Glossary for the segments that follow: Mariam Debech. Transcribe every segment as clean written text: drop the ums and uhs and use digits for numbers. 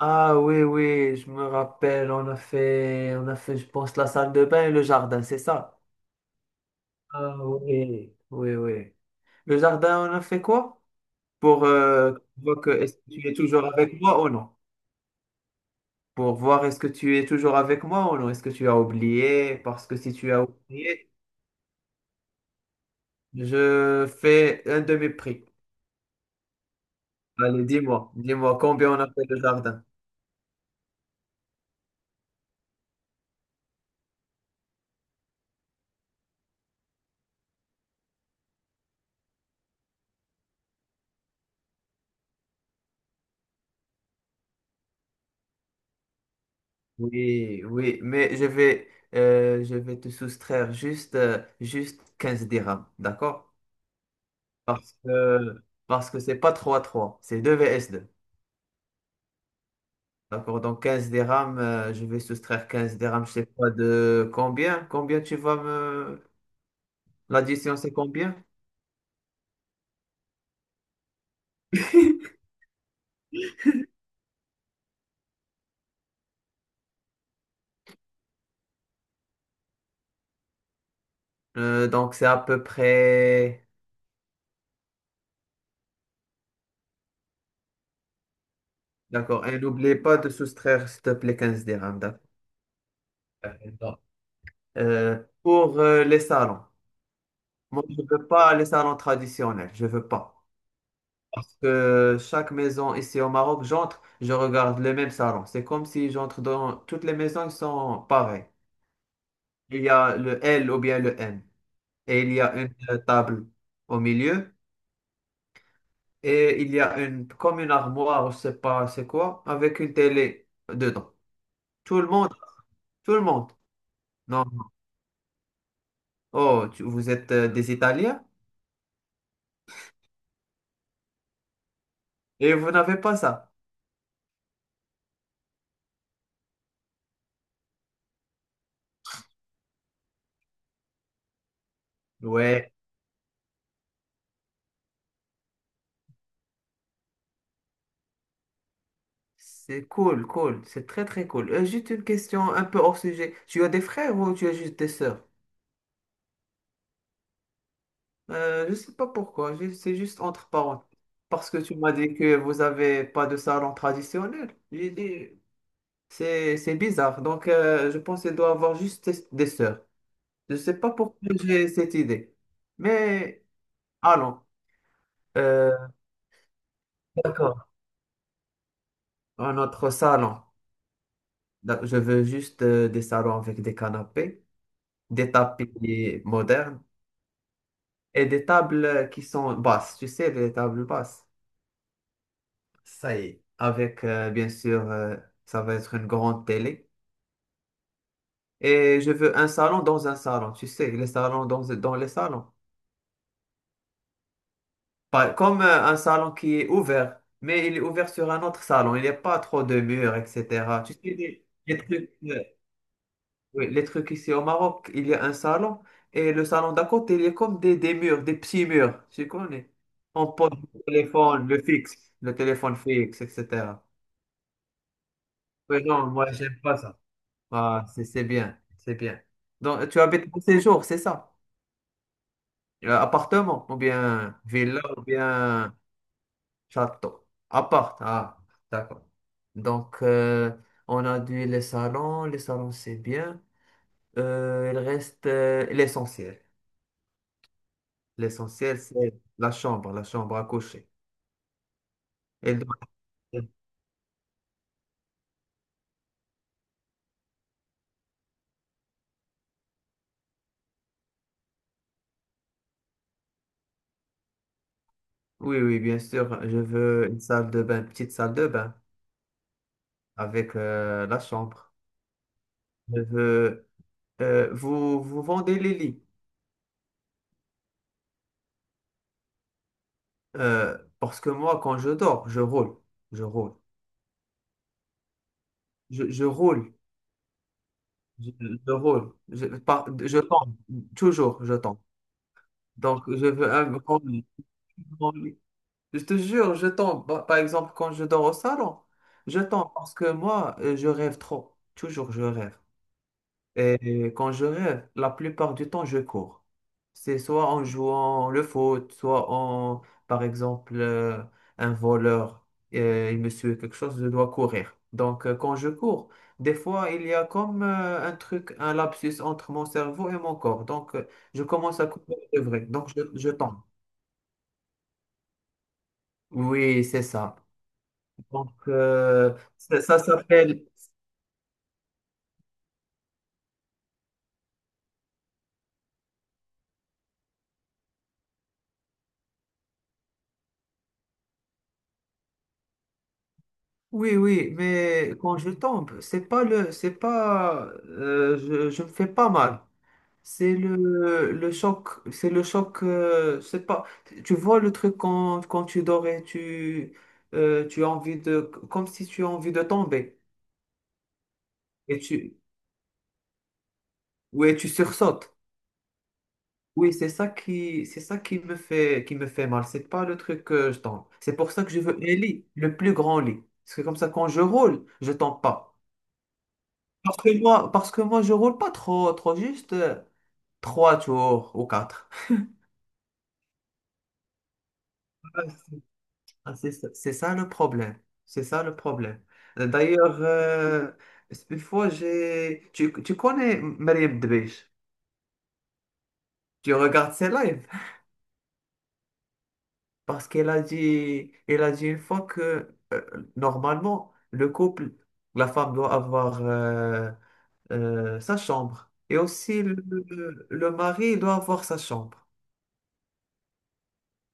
Ah oui, oui, je me rappelle, on a fait, je pense, la salle de bain et le jardin, c'est ça? Ah oui. Oui, oui. Le jardin, on a fait quoi? Pour voir que est-ce que tu es toujours avec moi ou non? Pour voir est-ce que tu es toujours avec moi ou non? Est-ce que tu as oublié? Parce que si tu as oublié, je fais un demi-prix. Allez, dis-moi combien on a fait le jardin. Oui, oui, mais je vais, je vais te soustraire juste, juste 15 dirhams, d'accord? Parce que c'est pas trois c'est 2 vs deux. D'accord, donc 15 dirhams, je vais soustraire 15 dirhams, je sais pas de combien, combien tu vas me... L'addition, c'est combien? Donc c'est à peu près... D'accord, et n'oubliez pas de soustraire, s'il te plaît, 15 dirhams. D'accord. Pour les salons, moi, je veux pas les salons traditionnels, je veux pas. Parce que chaque maison ici au Maroc, j'entre, je regarde les mêmes salons. C'est comme si j'entre dans toutes les maisons, ils sont pareils. Il y a le L ou bien le N. Et il y a une table au milieu. Et il y a une, comme une armoire, je sais pas c'est quoi, avec une télé dedans. Tout le monde, tout le monde. Non. Oh, vous êtes des Italiens et vous n'avez pas ça. Ouais, c'est cool, cool. C'est très, très cool. Juste une question un peu hors sujet. Tu as des frères ou tu as juste des sœurs? Je sais pas pourquoi. C'est juste entre parenthèses. Parce que tu m'as dit que vous avez pas de salon traditionnel. J'ai dit, c'est bizarre. Donc, je pense qu'elle doit avoir juste des sœurs. Je ne sais pas pourquoi j'ai cette idée. Mais allons. Euh, d'accord. Un autre salon. Je veux juste des salons avec des canapés, des tapis modernes et des tables qui sont basses. Tu sais, des tables basses. Ça y est. Avec, bien sûr, ça va être une grande télé. Et je veux un salon dans un salon. Tu sais, les salons dans les salons. Comme un salon qui est ouvert, mais il est ouvert sur un autre salon. Il n'y a pas trop de murs, etc. Tu sais, les trucs, oui, les trucs ici au Maroc, il y a un salon et le salon d'à côté, il est comme des murs, des petits murs. Tu connais? On pose le téléphone, le fixe, le téléphone fixe, etc. Mais non, moi, j'aime pas ça. Ah, c'est bien, c'est bien. Donc, tu habites pour ces jours, c'est ça? Appartement, ou bien villa, ou bien. Château. Appart. Ah, d'accord. Donc, on a dit les salons. Les salons, c'est bien. Il reste l'essentiel. L'essentiel, c'est la chambre à coucher. Elle doit être- Oui, oui, bien sûr. Je veux une salle de bain, petite salle de bain avec la chambre. Je veux vous, vous vendez les lits. Parce que moi, quand je dors, je roule. Je roule. Je roule. Je, je roule, je tombe, toujours je tombe. Donc, je veux un grand lit. Grand lit. Je te jure, je tombe. Par par exemple, quand je dors au salon, je tombe parce que moi, je rêve trop. Toujours, je rêve. Et quand je rêve, la plupart du temps, je cours. C'est soit en jouant le foot, soit en, par exemple, un voleur, il me suit quelque chose, je dois courir. Donc, quand je cours, des fois, il y a comme un truc, un lapsus entre mon cerveau et mon corps. Donc, je commence à courir de vrai. Donc, je tombe. Oui, c'est ça. Donc, ça, ça s'appelle... Oui, oui, mais quand je tombe, c'est pas, je me fais pas mal. C'est le choc, c'est pas, tu vois le truc quand tu dors et tu, tu as envie de, comme si tu as envie de tomber et tu, ouais, tu sursautes. Oui, c'est ça qui me fait mal. C'est pas le truc que je tombe. C'est pour ça que je veux un lit, le plus grand lit. Parce que comme ça, quand je roule, je tombe pas. Parce que moi, je roule pas trop, trop juste trois tours ou quatre. Ah, c'est ah, c'est ça le problème. C'est ça le problème. D'ailleurs, une fois, j'ai... Tu connais Mariam Debech? Tu regardes ses lives? Parce qu'elle a dit, elle a dit une fois que normalement, le couple, la femme doit avoir sa chambre. Et aussi, le mari doit avoir sa chambre.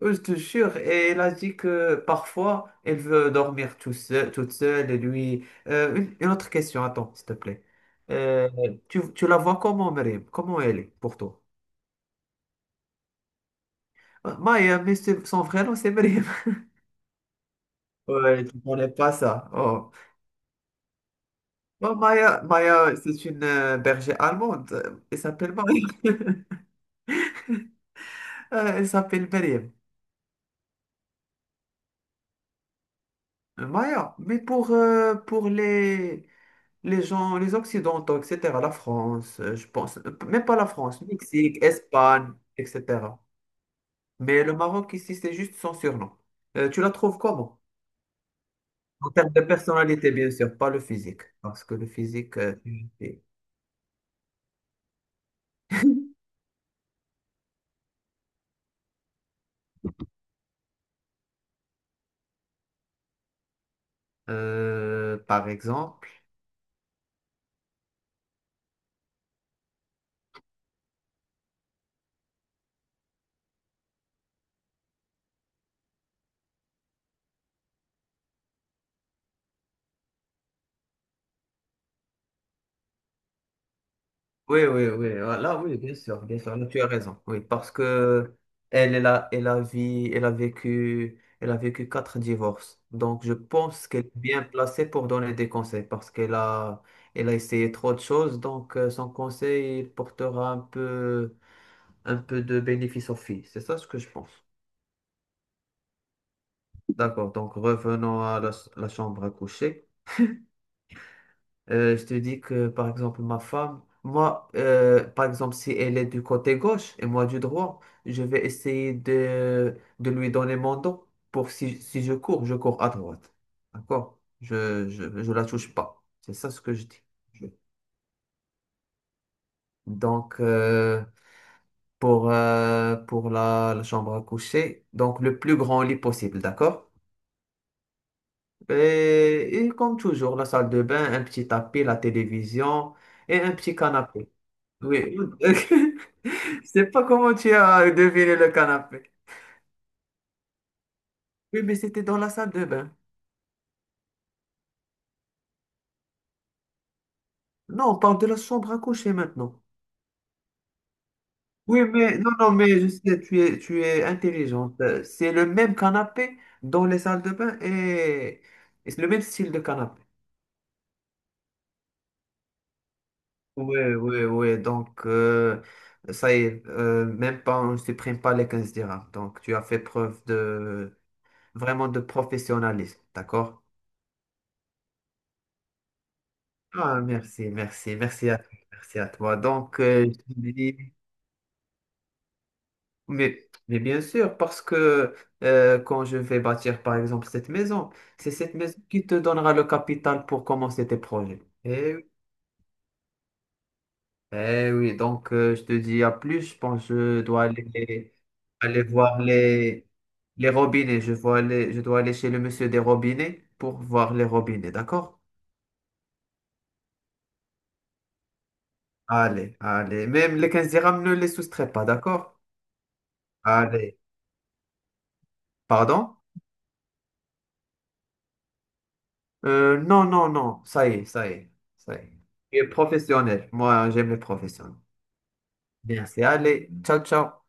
Oui, je te jure, et elle a dit que parfois elle veut dormir toute seule. Et lui, euh, une autre question, attends, s'il te plaît. Euh, tu la vois comment, Mariam? Comment elle est pour toi? Maya, son vrai nom, c'est Mariam. Ouais, tu connais pas ça. Oh. Bon, Maya, Maya, c'est une bergère allemande. Elle s'appelle Maya. Elle s'appelle Mariam. Maya, mais pour les gens, les Occidentaux, etc., la France, je pense, même pas la France, Mexique, Espagne, etc. Mais le Maroc ici, c'est juste son surnom. Tu la trouves comment? En termes de personnalité, bien sûr, pas le physique, parce que le physique, tu le fais. Par exemple, oui, oui, oui. Ah, là, oui, bien sûr, bien sûr. Là, tu as raison. Oui, parce que elle a vécu quatre divorces. Donc, je pense qu'elle est bien placée pour donner des conseils parce qu'elle a, elle a essayé trop de choses. Donc, son conseil, il portera un peu de bénéfice aux filles. C'est ça ce que je pense. D'accord. Donc, revenons à la, la chambre à coucher. Je te dis que, par exemple, ma femme, moi, par exemple, si elle est du côté gauche et moi du droit, je vais essayer de lui donner mon dos pour si, si je cours, je cours à droite. D'accord? Je la touche pas. C'est ça ce que je dis. Je- Donc, pour la, la chambre à coucher, donc le plus grand lit possible, d'accord? Et comme toujours, la salle de bain, un petit tapis, la télévision et un petit canapé. Oui. Je sais pas comment tu as deviné le canapé. Oui, mais c'était dans la salle de bain. Non, on parle de la chambre à coucher maintenant. Oui, mais non, non, mais je sais, tu es intelligente. C'est le même canapé dans les salles de bain et c'est le même style de canapé. Oui, oui, oui. Donc, ça y est, même pas, on ne supprime pas les 15 dirhams. Donc, tu as fait preuve de vraiment de professionnalisme, d'accord? Ah, merci à toi, merci à toi. Donc, je te dis. Mais bien sûr, parce que quand je vais bâtir, par exemple, cette maison, c'est cette maison qui te donnera le capital pour commencer tes projets. Eh oui, eh oui. Donc je te dis à plus, je pense que je dois aller, aller voir les robinets. Je dois aller chez le monsieur des robinets pour voir les robinets, d'accord? Allez, allez. Même les 15 dirhams, ne les soustrais pas, d'accord? Allez. Pardon? Non, non, non, ça y est. Je suis professionnel. Moi, j'aime les professionnels. Bien, c'est allez. Ciao, ciao.